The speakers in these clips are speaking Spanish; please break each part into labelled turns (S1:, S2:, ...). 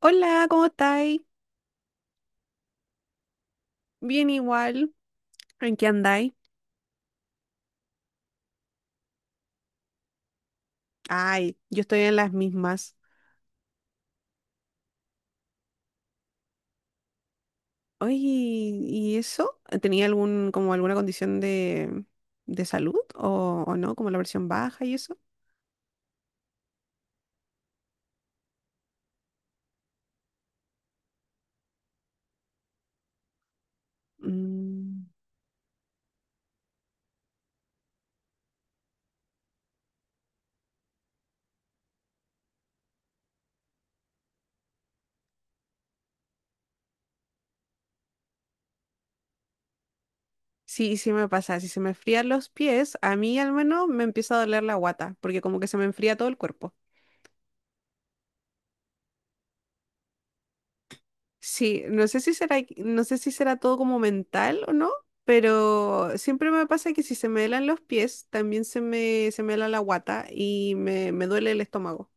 S1: Hola, ¿cómo estáis? Bien igual. ¿En qué andáis? Ay, yo estoy en las mismas. Oye, ¿y eso? ¿Tenía algún, como alguna condición de salud o no? Como la versión baja y eso. Mm, sí, sí me pasa. Si se me enfrían los pies, a mí al menos me empieza a doler la guata, porque como que se me enfría todo el cuerpo. Sí, no sé si será todo como mental o no, pero siempre me pasa que si se me helan los pies, también se me hela la guata y me duele el estómago.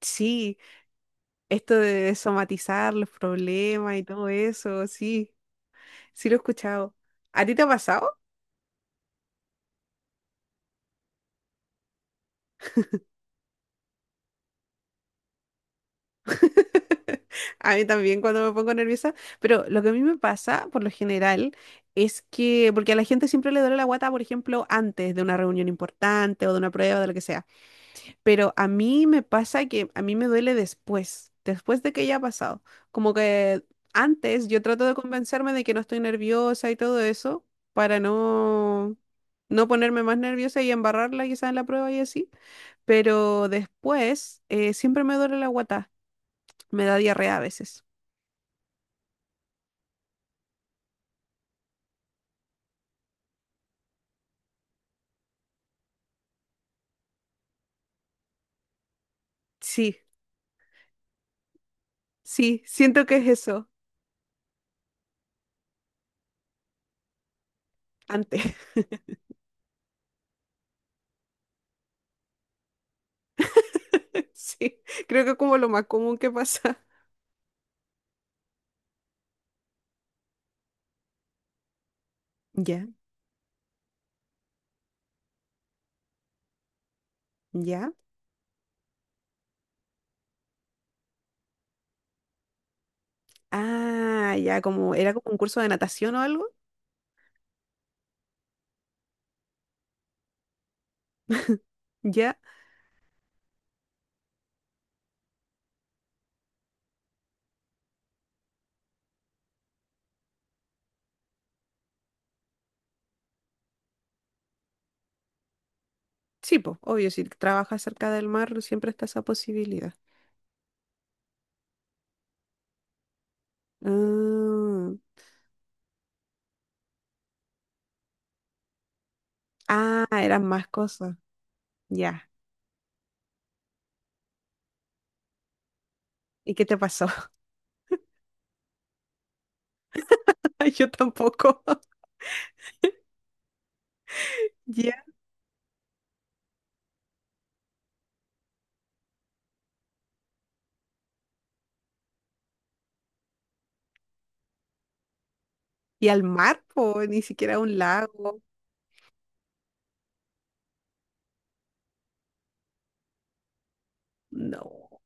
S1: Sí, esto de somatizar los problemas y todo eso, sí, sí lo he escuchado. ¿A ti te ha pasado? A mí también cuando me pongo nerviosa, pero lo que a mí me pasa por lo general es que, porque a la gente siempre le duele la guata, por ejemplo, antes de una reunión importante o de una prueba, de lo que sea. Pero a mí me pasa que a mí me duele después, después de que ya ha pasado. Como que antes yo trato de convencerme de que no estoy nerviosa y todo eso para no, no ponerme más nerviosa y embarrarla quizás en la prueba y así. Pero después siempre me duele la guata, me da diarrea a veces. Sí, sí, siento que es eso, antes. Sí, creo que es como lo más común que pasa. Ya, ya. Ah, ya, como era como un curso de natación o algo. Ya, sí, pues, obvio, si trabajas cerca del mar, siempre está esa posibilidad. Mm. Ah, eran más cosas. Ya. ¿Y qué te pasó? Yo tampoco. Ya. ¿Y al mar, po? Ni siquiera a un lago. No.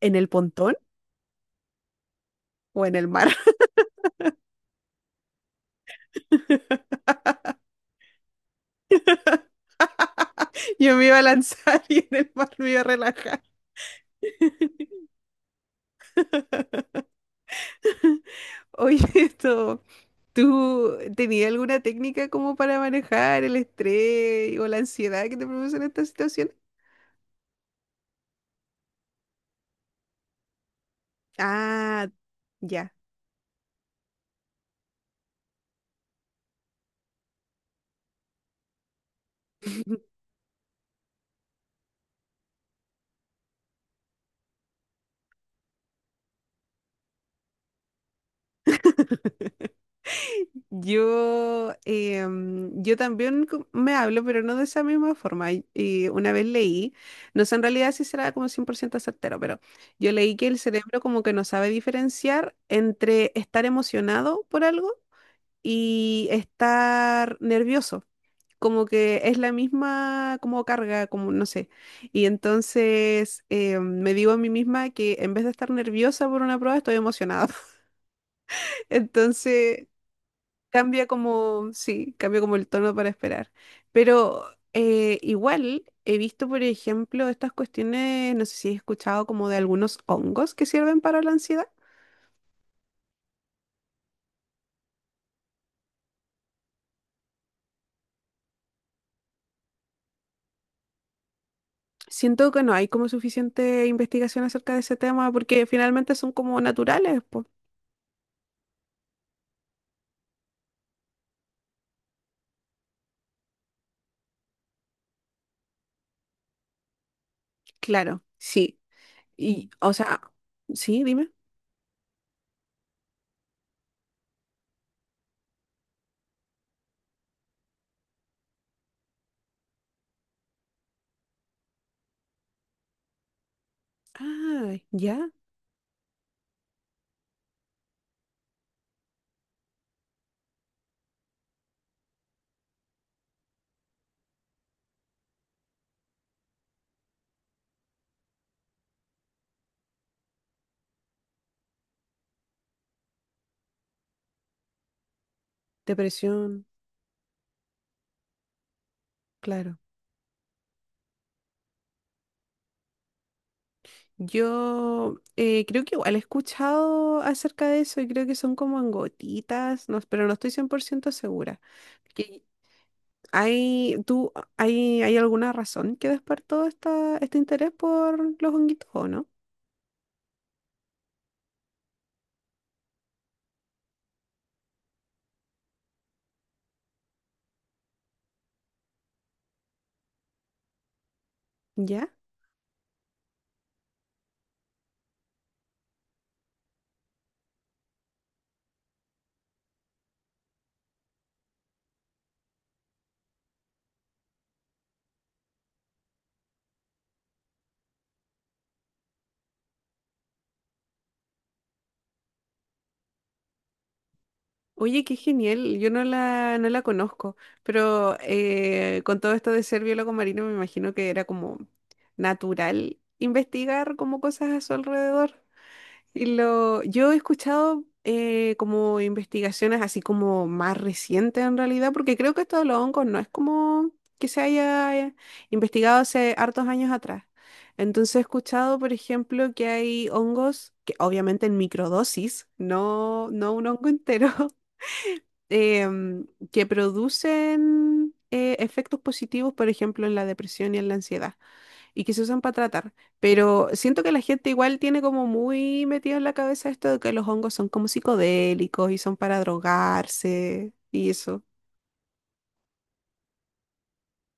S1: ¿En el pontón o en el mar? Yo me iba a lanzar y en el mar me iba a relajar. Oye, esto, ¿tú tenías alguna técnica como para manejar el estrés o la ansiedad que te producen estas situaciones? Ah, ya. Yo, yo también me hablo, pero no de esa misma forma. Y una vez leí, no sé en realidad si será como 100% certero, pero yo leí que el cerebro como que no sabe diferenciar entre estar emocionado por algo y estar nervioso. Como que es la misma como carga, como no sé. Y entonces me digo a mí misma que en vez de estar nerviosa por una prueba, estoy emocionada. Entonces, cambia como, sí, cambia como el tono para esperar. Pero igual he visto, por ejemplo, estas cuestiones, no sé si he escuchado como de algunos hongos que sirven para la ansiedad. Siento que no hay como suficiente investigación acerca de ese tema porque finalmente son como naturales, pues. Claro, sí. Y, o sea, sí, dime. Ah, ya, depresión, claro. Yo creo que igual he escuchado acerca de eso y creo que son como en gotitas, no, pero no estoy 100% segura. Que ¿hay, tú, hay alguna razón que despertó este interés por los honguitos o no? ¿Ya? Oye, qué genial, yo no la, no la conozco, pero con todo esto de ser biólogo marino me imagino que era como natural investigar como cosas a su alrededor. Y lo, yo he escuchado como investigaciones así como más recientes en realidad, porque creo que esto de los hongos no es como que se haya investigado hace hartos años atrás. Entonces he escuchado, por ejemplo, que hay hongos que obviamente en microdosis, no, no un hongo entero, que producen efectos positivos, por ejemplo, en la depresión y en la ansiedad y que se usan para tratar. Pero siento que la gente igual tiene como muy metido en la cabeza esto de que los hongos son como psicodélicos y son para drogarse y eso.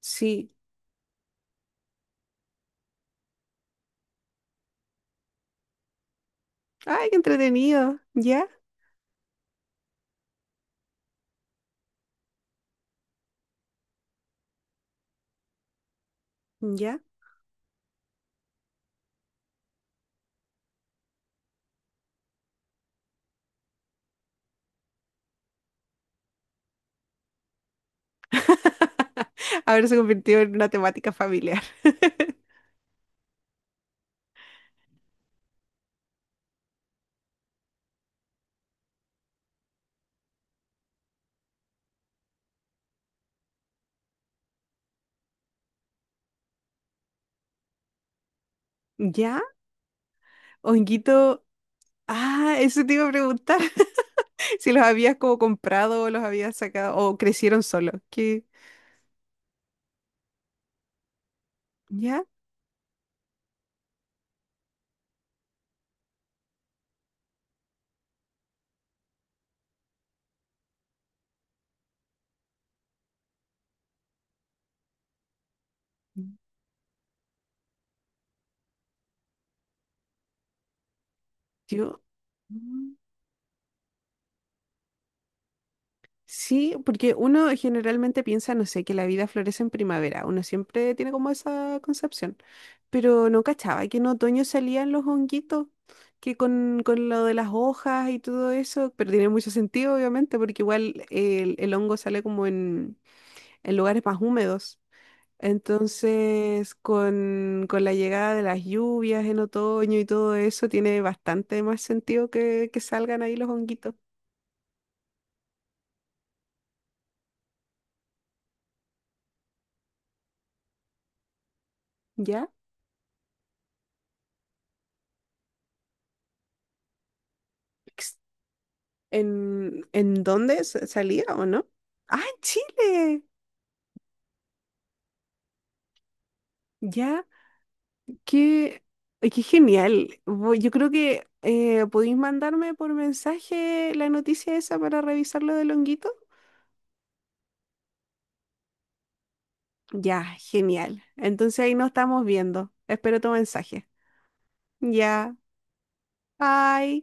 S1: Sí. Ay, qué entretenido. ¿Ya? ¿Ya? Ahora se convirtió en una temática familiar. ¿Ya? Honguito. Ah, eso te iba a preguntar. Si los habías como comprado o los habías sacado o crecieron solos. ¿Qué? ¿Ya? Yo. Mm, sí, porque uno generalmente piensa, no sé, que la vida florece en primavera. Uno siempre tiene como esa concepción. Pero no cachaba que en otoño salían los honguitos, que con lo de las hojas y todo eso, pero tiene mucho sentido, obviamente, porque igual el hongo sale como en lugares más húmedos. Entonces, con la llegada de las lluvias en otoño y todo eso, tiene bastante más sentido que salgan ahí los honguitos, ¿ya? En dónde salía o no? Ah, en Chile. Ya, qué, ay, qué genial. Yo creo que podéis mandarme por mensaje la noticia esa para revisar lo del honguito. Ya, genial. Entonces ahí nos estamos viendo. Espero tu mensaje. Ya, bye.